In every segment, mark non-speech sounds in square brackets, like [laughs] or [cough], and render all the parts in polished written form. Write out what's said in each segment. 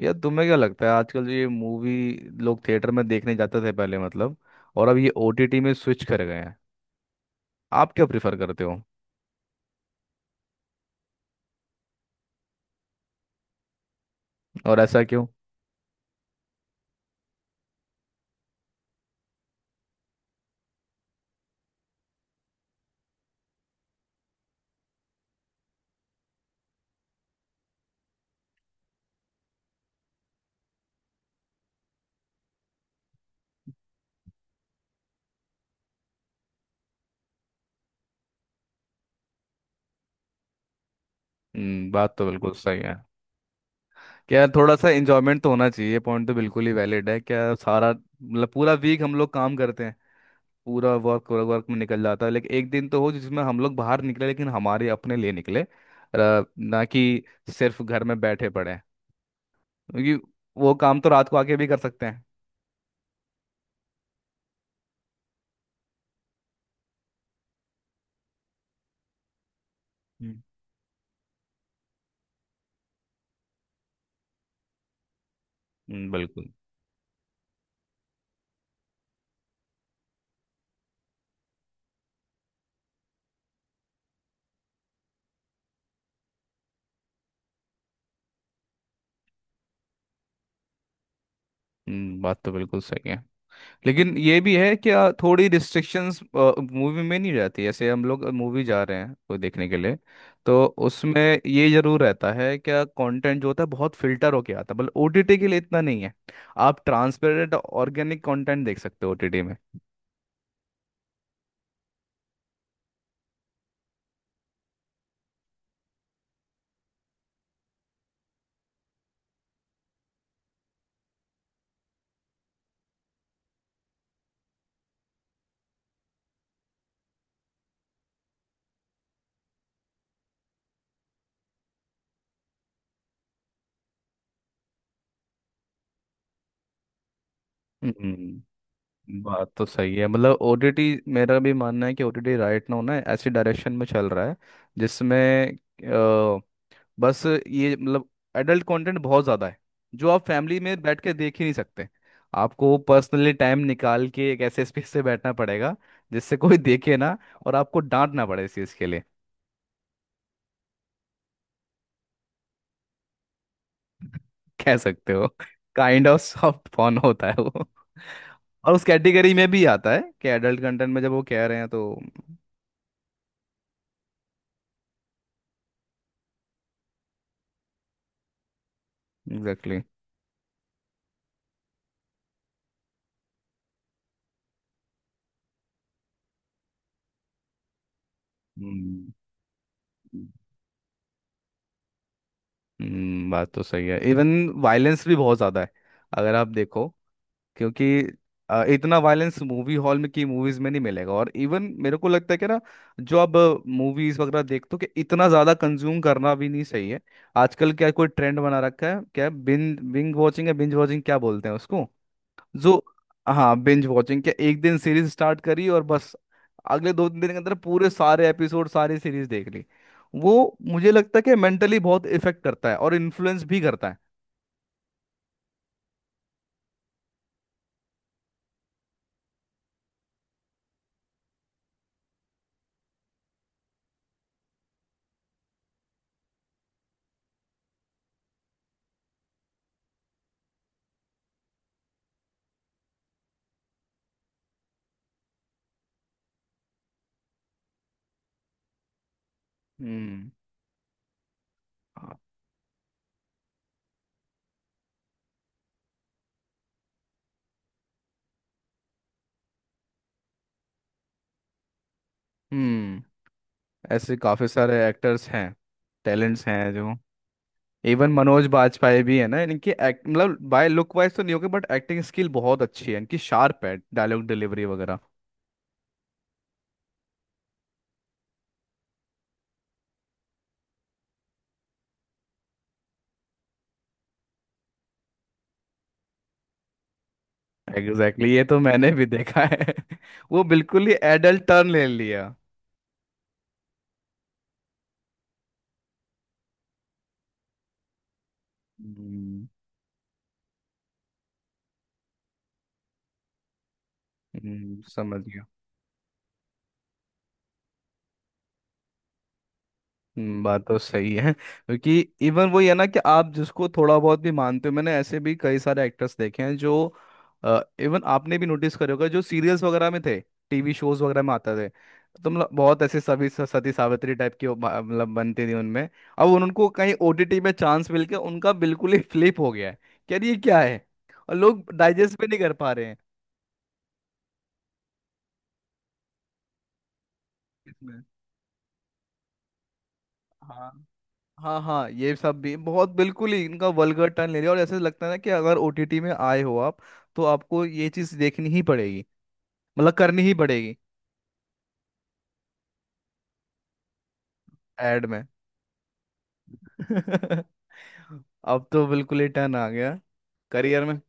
यार तुम्हें क्या लगता है आजकल ये मूवी लोग थिएटर में देखने जाते थे पहले मतलब, और अब ये ओटीटी में स्विच कर गए हैं। आप क्या प्रिफर करते हो? और ऐसा क्यों? हम्म, बात तो बिल्कुल सही है। क्या थोड़ा सा इंजॉयमेंट तो होना चाहिए, पॉइंट तो बिल्कुल ही वैलिड है। क्या सारा मतलब पूरा वीक हम लोग काम करते हैं, पूरा वर्क वर्क वर्क में निकल जाता है, लेकिन एक दिन तो हो जिसमें हम लोग बाहर निकले, लेकिन हमारे अपने लिए निकले, ना कि सिर्फ घर में बैठे पड़े हैं। क्योंकि वो काम तो रात को आके भी कर सकते हैं। हम्म। बिल्कुल। बात तो बिल्कुल सही है, लेकिन ये भी है कि थोड़ी रिस्ट्रिक्शंस मूवी में नहीं रहती। जैसे हम लोग मूवी जा रहे हैं कोई देखने के लिए, तो उसमें ये जरूर रहता है क्या कंटेंट जो होता है बहुत फिल्टर होके आता है, मतलब ओटीटी के लिए इतना नहीं है। आप ट्रांसपेरेंट ऑर्गेनिक कंटेंट देख सकते हो ओटीटी में। हम्म, बात तो सही है। मतलब ओटीटी, मेरा भी मानना है कि ओटीटी राइट नाउ ना ऐसी डायरेक्शन में चल रहा है जिसमें बस ये मतलब एडल्ट कंटेंट बहुत ज़्यादा है, जो आप फैमिली में बैठ के देख ही नहीं सकते। आपको पर्सनली टाइम निकाल के एक ऐसे स्पेस से बैठना पड़ेगा जिससे कोई देखे ना, और आपको डांटना पड़े इस चीज़ के लिए। कह सकते हो, काइंड ऑफ सॉफ्ट पॉर्न होता है वो। और उस कैटेगरी में भी आता है कि एडल्ट कंटेंट में जब वो कह रहे हैं, तो एग्जैक्टली exactly। हम्म। बात तो सही है। इवन वायलेंस भी बहुत ज़्यादा है, अगर आप देखो। क्योंकि इतना वायलेंस मूवी हॉल में की मूवीज में नहीं मिलेगा। और इवन मेरे को लगता है कि ना, जो अब मूवीज वगैरह देखते हो कि इतना ज्यादा कंज्यूम करना भी नहीं सही है। आजकल क्या कोई ट्रेंड बना रखा है, क्या बिंज बिंज वॉचिंग है, बिंज वॉचिंग क्या बोलते हैं उसको, जो, हाँ, बिंज वॉचिंग। क्या एक दिन सीरीज स्टार्ट करी और बस अगले दो तीन दिन के अंदर पूरे सारे एपिसोड, सारी सीरीज देख ली। वो मुझे लगता है कि मेंटली बहुत इफेक्ट करता है और इन्फ्लुएंस भी करता है। हम्म। हाँ, हम्म। ऐसे काफी सारे एक्टर्स हैं, टैलेंट्स हैं जो, इवन मनोज बाजपेयी भी है ना, इनकी मतलब बाय लुक वाइज तो नहीं होगी बट एक्टिंग स्किल बहुत अच्छी है इनकी, शार्प है डायलॉग डिलीवरी वगैरह। एग्जैक्टली exactly, ये तो मैंने भी देखा है। [laughs] वो बिल्कुल ही एडल्ट टर्न ले लिया। हम्म। समझ गया। बात तो सही है। क्योंकि इवन वही है ना कि आप जिसको थोड़ा बहुत भी मानते हो, मैंने ऐसे भी कई सारे एक्टर्स देखे हैं जो, इवन आपने भी नोटिस करे होगा, जो सीरियल्स वगैरह में थे, टीवी शोज वगैरह में आते थे, तो मतलब बहुत ऐसे सभी सती सावित्री टाइप की वो मतलब बनती थी उनमें। अब उनको कहीं ओटीटी में चांस मिल के उनका बिल्कुल ही [laughs] फ्लिप हो गया है कि यार ये क्या है, और लोग डाइजेस्ट भी नहीं कर पा रहे हैं। इसमें? हाँ। हाँ हाँ, ये सब भी बहुत बिल्कुल ही इनका वल्गर टर्न ले लिया, और ऐसे लगता है ना कि अगर ओटीटी में आए हो आप, तो आपको ये चीज देखनी ही पड़ेगी, मतलब करनी ही पड़ेगी। एड में। [laughs] अब तो बिल्कुल ही टर्न आ गया करियर में।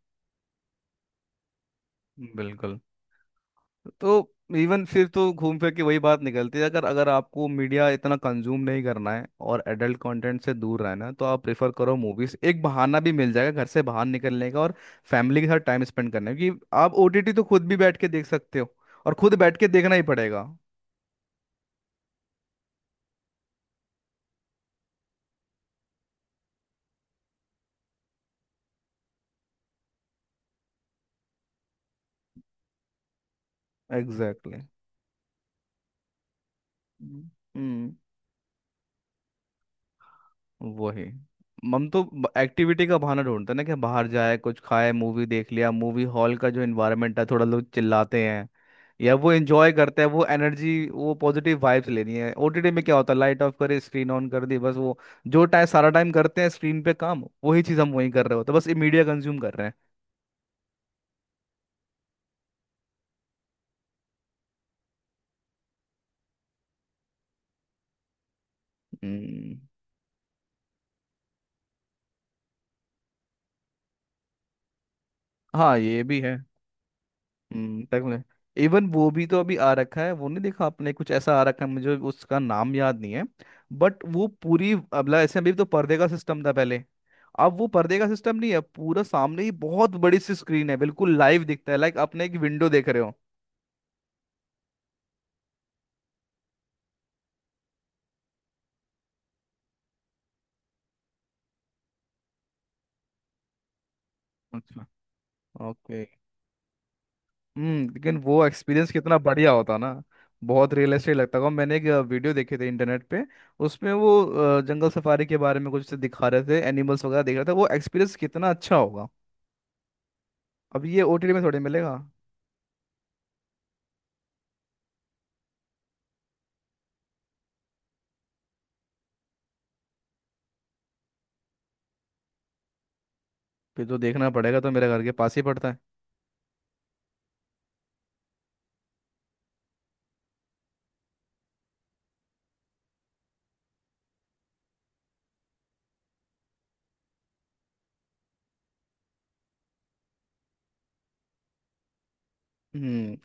बिल्कुल। तो इवन फिर तो घूम फिर के वही बात निकलती है। अगर अगर आपको मीडिया इतना कंज्यूम नहीं करना है और एडल्ट कंटेंट से दूर रहना है, तो आप प्रेफर करो मूवीज। एक बहाना भी मिल जाएगा घर से बाहर निकलने का, और फैमिली के साथ टाइम स्पेंड करने का, क्योंकि आप ओटीटी तो खुद भी बैठ के देख सकते हो, और खुद बैठ के देखना ही पड़ेगा। Exactly exactly। हम्म। वही। हम तो एक्टिविटी का बहाना ढूंढते हैं ना कि बाहर जाए, कुछ खाए, मूवी देख लिया, मूवी हॉल का जो इन्वायरमेंट है, थोड़ा लोग चिल्लाते हैं या वो एंजॉय करते हैं, वो एनर्जी, वो पॉजिटिव वाइब्स लेनी है। ओटीटी में क्या होता है, लाइट ऑफ करे, स्क्रीन ऑन कर दी, बस वो जो टाइम सारा टाइम करते हैं स्क्रीन पे काम, वही चीज़ हम वहीं कर रहे होते हैं, बस ये मीडिया कंज्यूम कर रहे हैं। हम्म, हाँ ये भी है। तक में, इवन वो भी तो अभी आ रखा है। वो नहीं देखा आपने, कुछ ऐसा आ रखा है, मुझे उसका नाम याद नहीं है, बट वो पूरी अब ऐसे अभी तो पर्दे का सिस्टम था पहले, अब वो पर्दे का सिस्टम नहीं है। पूरा सामने ही बहुत बड़ी सी स्क्रीन है, बिल्कुल लाइव दिखता है, लाइक आपने एक विंडो देख रहे हो। अच्छा। ओके। हम्म, लेकिन वो एक्सपीरियंस कितना बढ़िया होता ना। बहुत रियलिस्टिक लगता था। मैंने एक वीडियो देखे थे इंटरनेट पे, उसमें वो जंगल सफारी के बारे में कुछ दिखा रहे थे, एनिमल्स वगैरह देख रहा था। वो एक्सपीरियंस कितना अच्छा होगा। अब ये ओटीटी में थोड़ी मिलेगा। फिर तो देखना पड़ेगा। तो मेरे घर के पास ही पड़ता है। हम्म।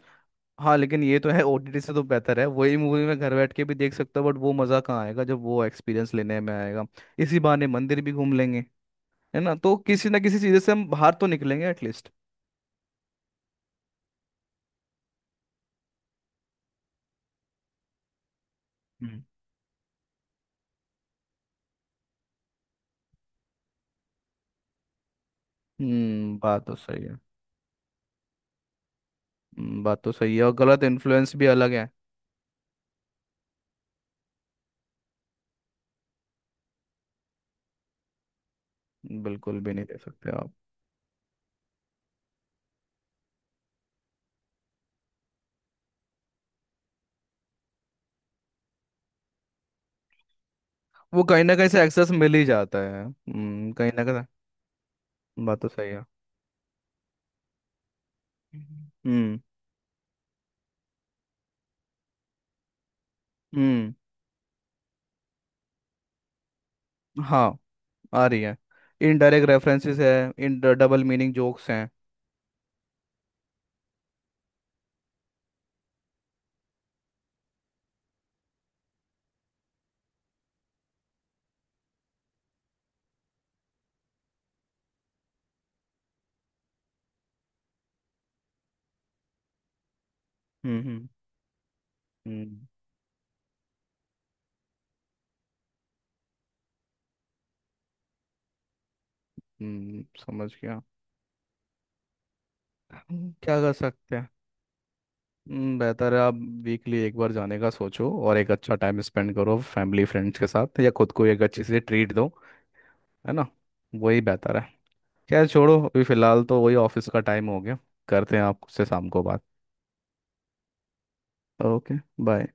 हाँ लेकिन ये तो है, ओटीटी से तो बेहतर है। वही मूवी मैं घर बैठ के भी देख सकता हूँ, बट वो मज़ा कहाँ आएगा जब वो एक्सपीरियंस लेने में आएगा। इसी बहाने मंदिर भी घूम लेंगे, है ना? तो किसी ना किसी चीज़ से हम बाहर तो निकलेंगे एटलीस्ट। हम्म। हम्म, बात तो सही है। बात तो सही है, और गलत इन्फ्लुएंस भी अलग है। बिल्कुल भी नहीं दे सकते आप। वो कहीं ना कहीं से एक्सेस मिल ही जाता है, हम्म, कहीं ना कहीं। बात तो सही है। हम्म। हम्म। हम्म। हाँ, आ रही है। इनडायरेक्ट रेफरेंसेस है, इन डबल मीनिंग जोक्स हैं। हम्म। हम्म। हम्म। समझ गया। क्या कर सकते हैं। बेहतर है आप वीकली एक बार जाने का सोचो, और एक अच्छा टाइम स्पेंड करो फैमिली फ्रेंड्स के साथ, या खुद को एक अच्छी सी ट्रीट दो। है ना? वही बेहतर है। खैर छोड़ो, अभी फिलहाल तो वही ऑफिस का टाइम हो गया। करते हैं आपसे शाम को बात। ओके। बाय।